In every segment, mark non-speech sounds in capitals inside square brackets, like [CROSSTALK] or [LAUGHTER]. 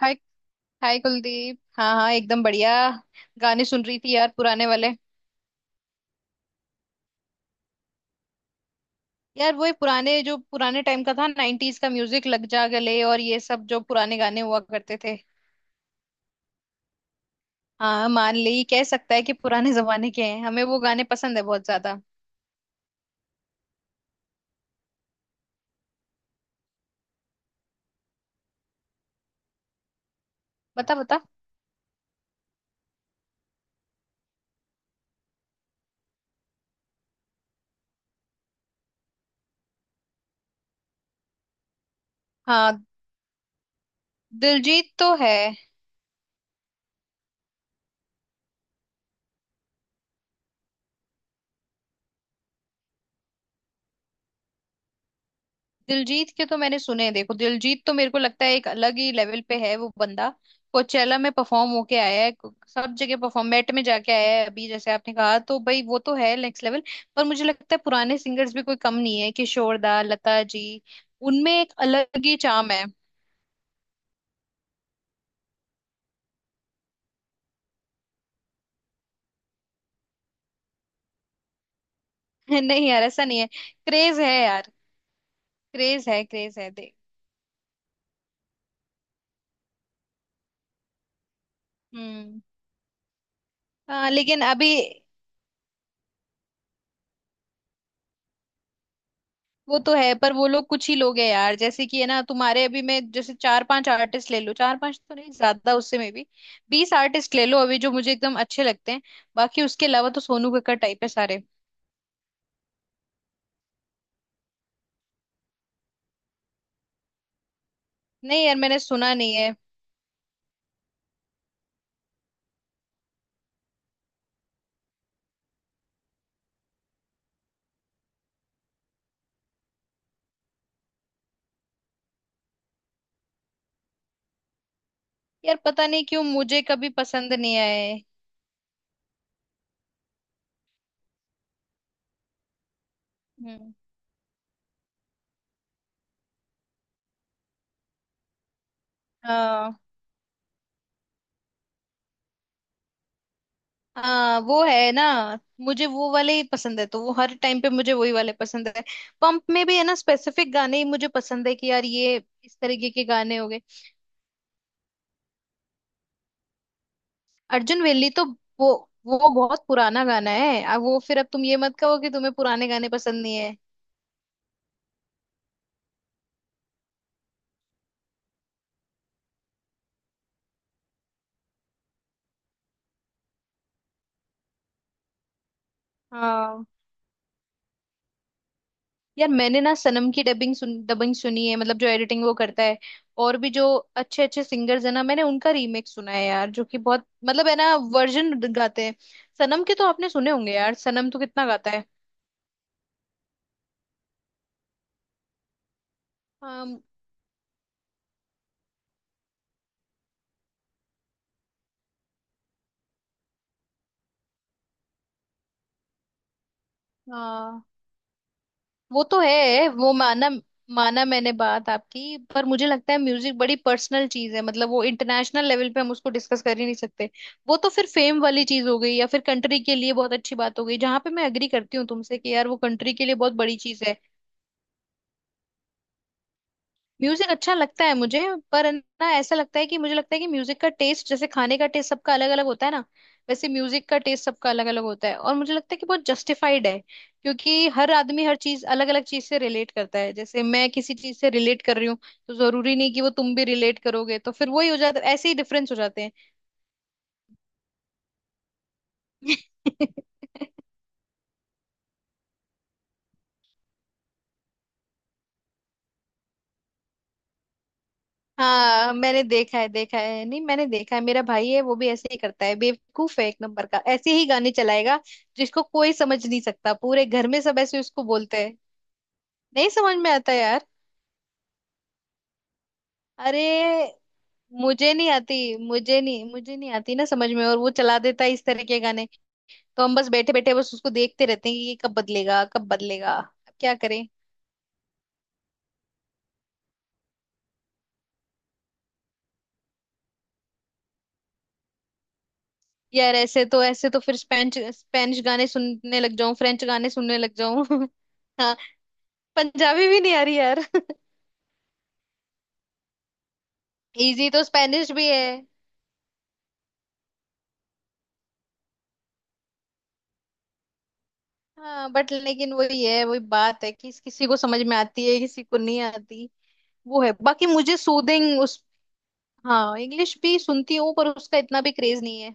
हाय। Hi Kuldeep, हाँ हाँ एकदम बढ़िया। गाने सुन रही थी यार, पुराने वाले। यार वो पुराने, जो पुराने टाइम का था, नाइनटीज का म्यूजिक, लग जा गले और ये सब जो पुराने गाने हुआ करते थे। हाँ, मान ले, ये कह सकता है कि पुराने जमाने के हैं। हमें वो गाने पसंद है बहुत ज्यादा। बता बता। हाँ, दिलजीत तो है। दिलजीत के तो मैंने सुने हैं। देखो, दिलजीत तो मेरे को लगता है एक अलग ही लेवल पे है वो बंदा। कोचेला में परफॉर्म होके आया है। सब जगह परफॉर्म मेट में जाके आया है। अभी जैसे आपने कहा, तो भाई वो तो है नेक्स्ट लेवल। पर मुझे लगता है पुराने सिंगर्स भी कोई कम नहीं है, किशोर दा, लता जी। उनमें एक अलग ही चाम है। [LAUGHS] नहीं यार, ऐसा नहीं है। क्रेज है यार। क्रेज है, क्रेज है, देख। हम्म। हाँ, लेकिन अभी। वो तो है, पर वो लोग कुछ ही लोग हैं यार। जैसे कि है ना, तुम्हारे अभी मैं जैसे चार पांच आर्टिस्ट ले लो, चार पांच तो नहीं, ज्यादा उससे में भी। बीस आर्टिस्ट ले लो, अभी जो मुझे एकदम अच्छे लगते हैं। बाकी उसके अलावा तो सोनू कक्कड़ टाइप है सारे। नहीं यार, मैंने सुना नहीं है। यार पता नहीं क्यों मुझे कभी पसंद नहीं आए। हम्म। हाँ हाँ। वो है ना, मुझे वो वाले ही पसंद है, तो वो हर टाइम पे मुझे वही वाले पसंद है। पंप में भी है ना, स्पेसिफिक गाने ही मुझे पसंद है कि यार, ये इस तरीके के गाने हो गए। अर्जुन वेली तो वो वो बहुत पुराना गाना है। अब वो फिर, अब तुम ये मत कहो कि तुम्हें पुराने गाने पसंद नहीं है। हाँ यार, मैंने ना सनम की डबिंग सुनी है, मतलब जो एडिटिंग वो करता है। और भी जो अच्छे अच्छे सिंगर्स है ना, मैंने उनका रीमेक सुना है यार, जो कि बहुत, मतलब है ना, वर्जन गाते हैं। सनम के तो आपने सुने होंगे यार, सनम तो कितना गाता है। हाँ वो तो है, वो माना। माना मैंने बात आपकी, पर मुझे लगता है म्यूजिक बड़ी पर्सनल चीज है, मतलब वो इंटरनेशनल लेवल पे हम उसको डिस्कस कर ही नहीं सकते। वो तो फिर फेम वाली चीज हो गई, या फिर कंट्री के लिए बहुत अच्छी बात हो गई, जहां पे मैं एग्री करती हूँ तुमसे कि यार वो कंट्री के लिए बहुत बड़ी चीज है। म्यूजिक अच्छा लगता है मुझे। पर है ना, ऐसा लगता है कि, मुझे लगता है कि म्यूजिक का टेस्ट जैसे खाने का टेस्ट सबका अलग अलग होता है ना। वैसे म्यूजिक का टेस्ट सबका अलग अलग होता है, और मुझे लगता है कि बहुत जस्टिफाइड है क्योंकि हर आदमी हर चीज अलग अलग चीज से रिलेट करता है, जैसे मैं किसी चीज से रिलेट कर रही हूँ। तो जरूरी नहीं कि वो तुम भी रिलेट करोगे, तो फिर वही हो जाता है, ऐसे ही डिफरेंस हो जाते हैं। [LAUGHS] हाँ मैंने देखा है, देखा है नहीं, मैंने देखा है, मेरा भाई है, वो भी ऐसे ही करता है। बेवकूफ है एक नंबर का, ऐसे ही गाने चलाएगा जिसको कोई समझ नहीं सकता। पूरे घर में सब ऐसे उसको बोलते हैं। नहीं समझ में आता यार। अरे मुझे नहीं आती ना समझ में, और वो चला देता है इस तरह के गाने। तो हम बस बैठे बैठे बस उसको देखते रहते हैं कि ये कब बदलेगा कब बदलेगा, अब क्या करें। यार ऐसे तो फिर स्पेनिश स्पेनिश गाने सुनने लग जाऊं, फ्रेंच गाने सुनने लग जाऊं। [LAUGHS] हाँ, पंजाबी भी नहीं आ रही यार। इजी तो स्पेनिश भी है। हाँ बट लेकिन वही है, वही बात है कि किसी को समझ में आती है, किसी को नहीं आती। वो है, बाकी मुझे सूदिंग उस। हाँ, इंग्लिश भी सुनती हूँ, पर उसका इतना भी क्रेज नहीं है।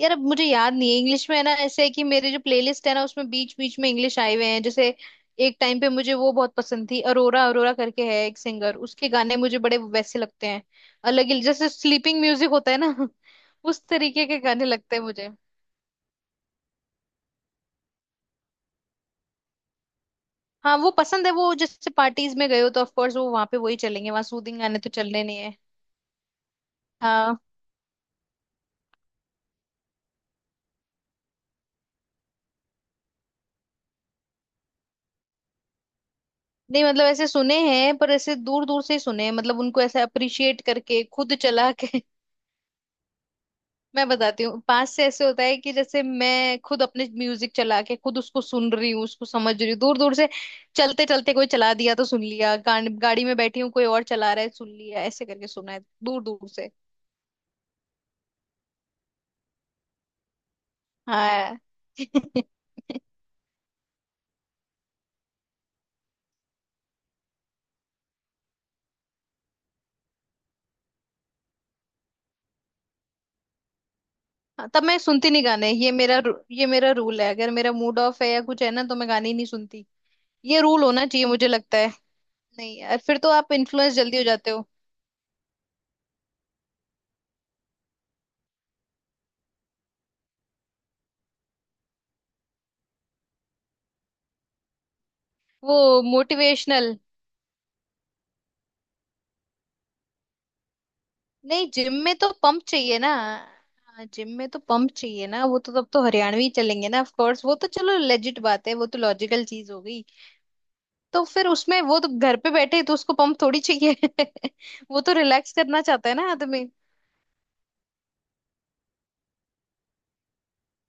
यार अब मुझे याद नहीं है इंग्लिश में, है ना ऐसे है कि मेरे जो प्लेलिस्ट है ना, उसमें बीच बीच में इंग्लिश आए हुए हैं, जैसे। एक टाइम पे मुझे वो बहुत पसंद थी, अरोरा अरोरा करके है एक सिंगर, उसके गाने मुझे बड़े वैसे लगते हैं। अलग ही, जैसे स्लीपिंग म्यूजिक होता है ना, [LAUGHS] उस तरीके के गाने लगते हैं मुझे। हाँ वो पसंद है, वो जैसे पार्टीज में गए हो तो ऑफ कोर्स वो वहां पे वही चलेंगे, वहां सूदिंग गाने तो चलने नहीं है। हाँ नहीं, मतलब ऐसे सुने हैं पर ऐसे दूर दूर से ही सुने हैं, मतलब उनको ऐसे अप्रिशिएट करके खुद चला के। [LAUGHS] मैं बताती हूँ, पास से ऐसे होता है कि जैसे मैं खुद अपने म्यूजिक चला के खुद उसको सुन रही हूँ, उसको समझ रही हूँ। दूर दूर से चलते चलते कोई चला दिया तो सुन लिया, गाड़ी में बैठी हूँ कोई और चला रहा है, सुन लिया, ऐसे करके सुना है दूर दूर से। हाँ। [LAUGHS] हाँ, तब मैं सुनती नहीं गाने, ये ये मेरा रूल है, अगर मेरा मूड ऑफ है या कुछ है ना तो मैं गाने ही नहीं सुनती। ये रूल होना चाहिए, मुझे लगता है। नहीं यार, फिर तो आप इन्फ्लुएंस जल्दी हो जाते हो। वो मोटिवेशनल। नहीं जिम में तो पंप चाहिए ना। हाँ, जिम में तो पंप चाहिए ना, वो तो तब तो हरियाणवी चलेंगे ना, ऑफ कोर्स, वो तो चलो लेजिट बात है, वो तो लॉजिकल चीज हो गई। तो फिर उसमें वो तो घर पे बैठे तो उसको पंप थोड़ी चाहिए। [LAUGHS] वो तो रिलैक्स करना चाहता है ना आदमी।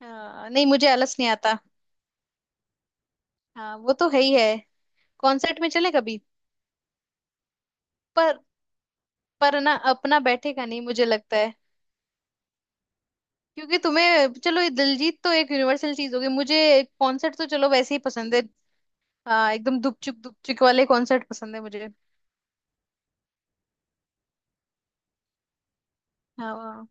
हाँ नहीं, मुझे आलस नहीं आता। हाँ वो तो है ही है। कॉन्सर्ट में चले कभी? पर। पर ना, अपना बैठेगा नहीं मुझे लगता है। क्योंकि तुम्हें चलो, ये दिलजीत तो एक यूनिवर्सल चीज होगी, मुझे कॉन्सर्ट तो चलो वैसे ही पसंद है। एकदम दुपचुक दुपचुक वाले कॉन्सर्ट पसंद है मुझे। हाँ,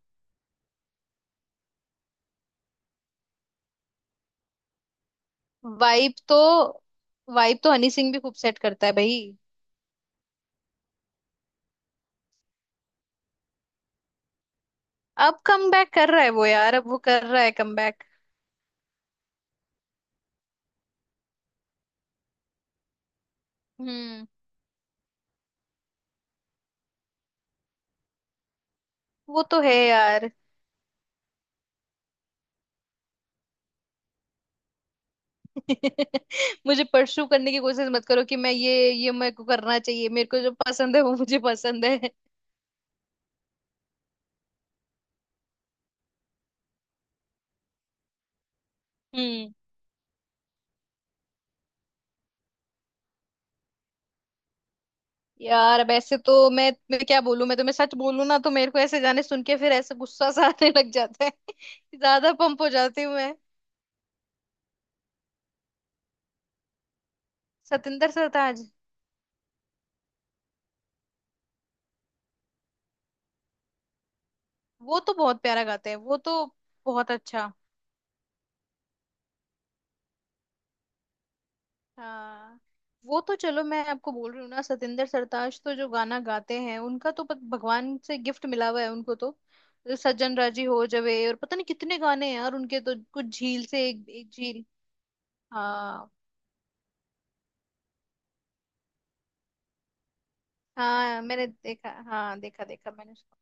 वाइब तो वाइब तो हनी सिंह भी खूब सेट करता है भाई। अब कम बैक कर रहा है वो यार, अब वो कर रहा है कम बैक। हम्म। वो तो है यार। [LAUGHS] मुझे परसू करने की कोशिश मत करो कि मैं ये मेरे को करना चाहिए, मेरे को जो पसंद है वो मुझे पसंद है। हम्म। यार वैसे तो मैं क्या बोलूं, मैं तुम्हें सच बोलूं ना तो मेरे को ऐसे गाने सुन के फिर ऐसे गुस्सा सा [LAUGHS] आने लग जाता है। [LAUGHS] ज्यादा पंप हो जाती हूँ मैं। सतिंदर सरताज। वो तो बहुत प्यारा गाते हैं वो तो। बहुत अच्छा। हाँ वो तो चलो, मैं आपको बोल रही हूँ ना, सतिंदर सरताज तो जो गाना गाते हैं उनका तो भगवान से गिफ्ट मिला हुआ है उनको तो। जो सज्जन राजी हो जवे, और पता नहीं कितने गाने हैं यार उनके तो, कुछ झील से, एक एक झील। हाँ हाँ, मैंने देखा, हाँ, देखा देखा मैंने उसको।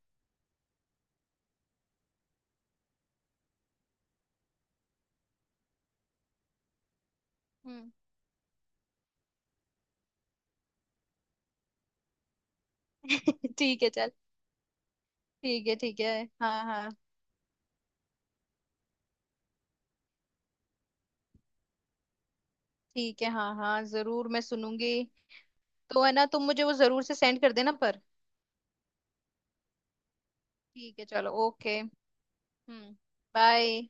हम्म। [LAUGHS] ठीक है चल। ठीक है, ठीक है, हाँ हाँ। ठीक है, हाँ हाँ, जरूर मैं सुनूंगी। तो है ना, तुम मुझे वो जरूर से सेंड कर देना, पर। ठीक है, चलो ओके। हम्म। बाय।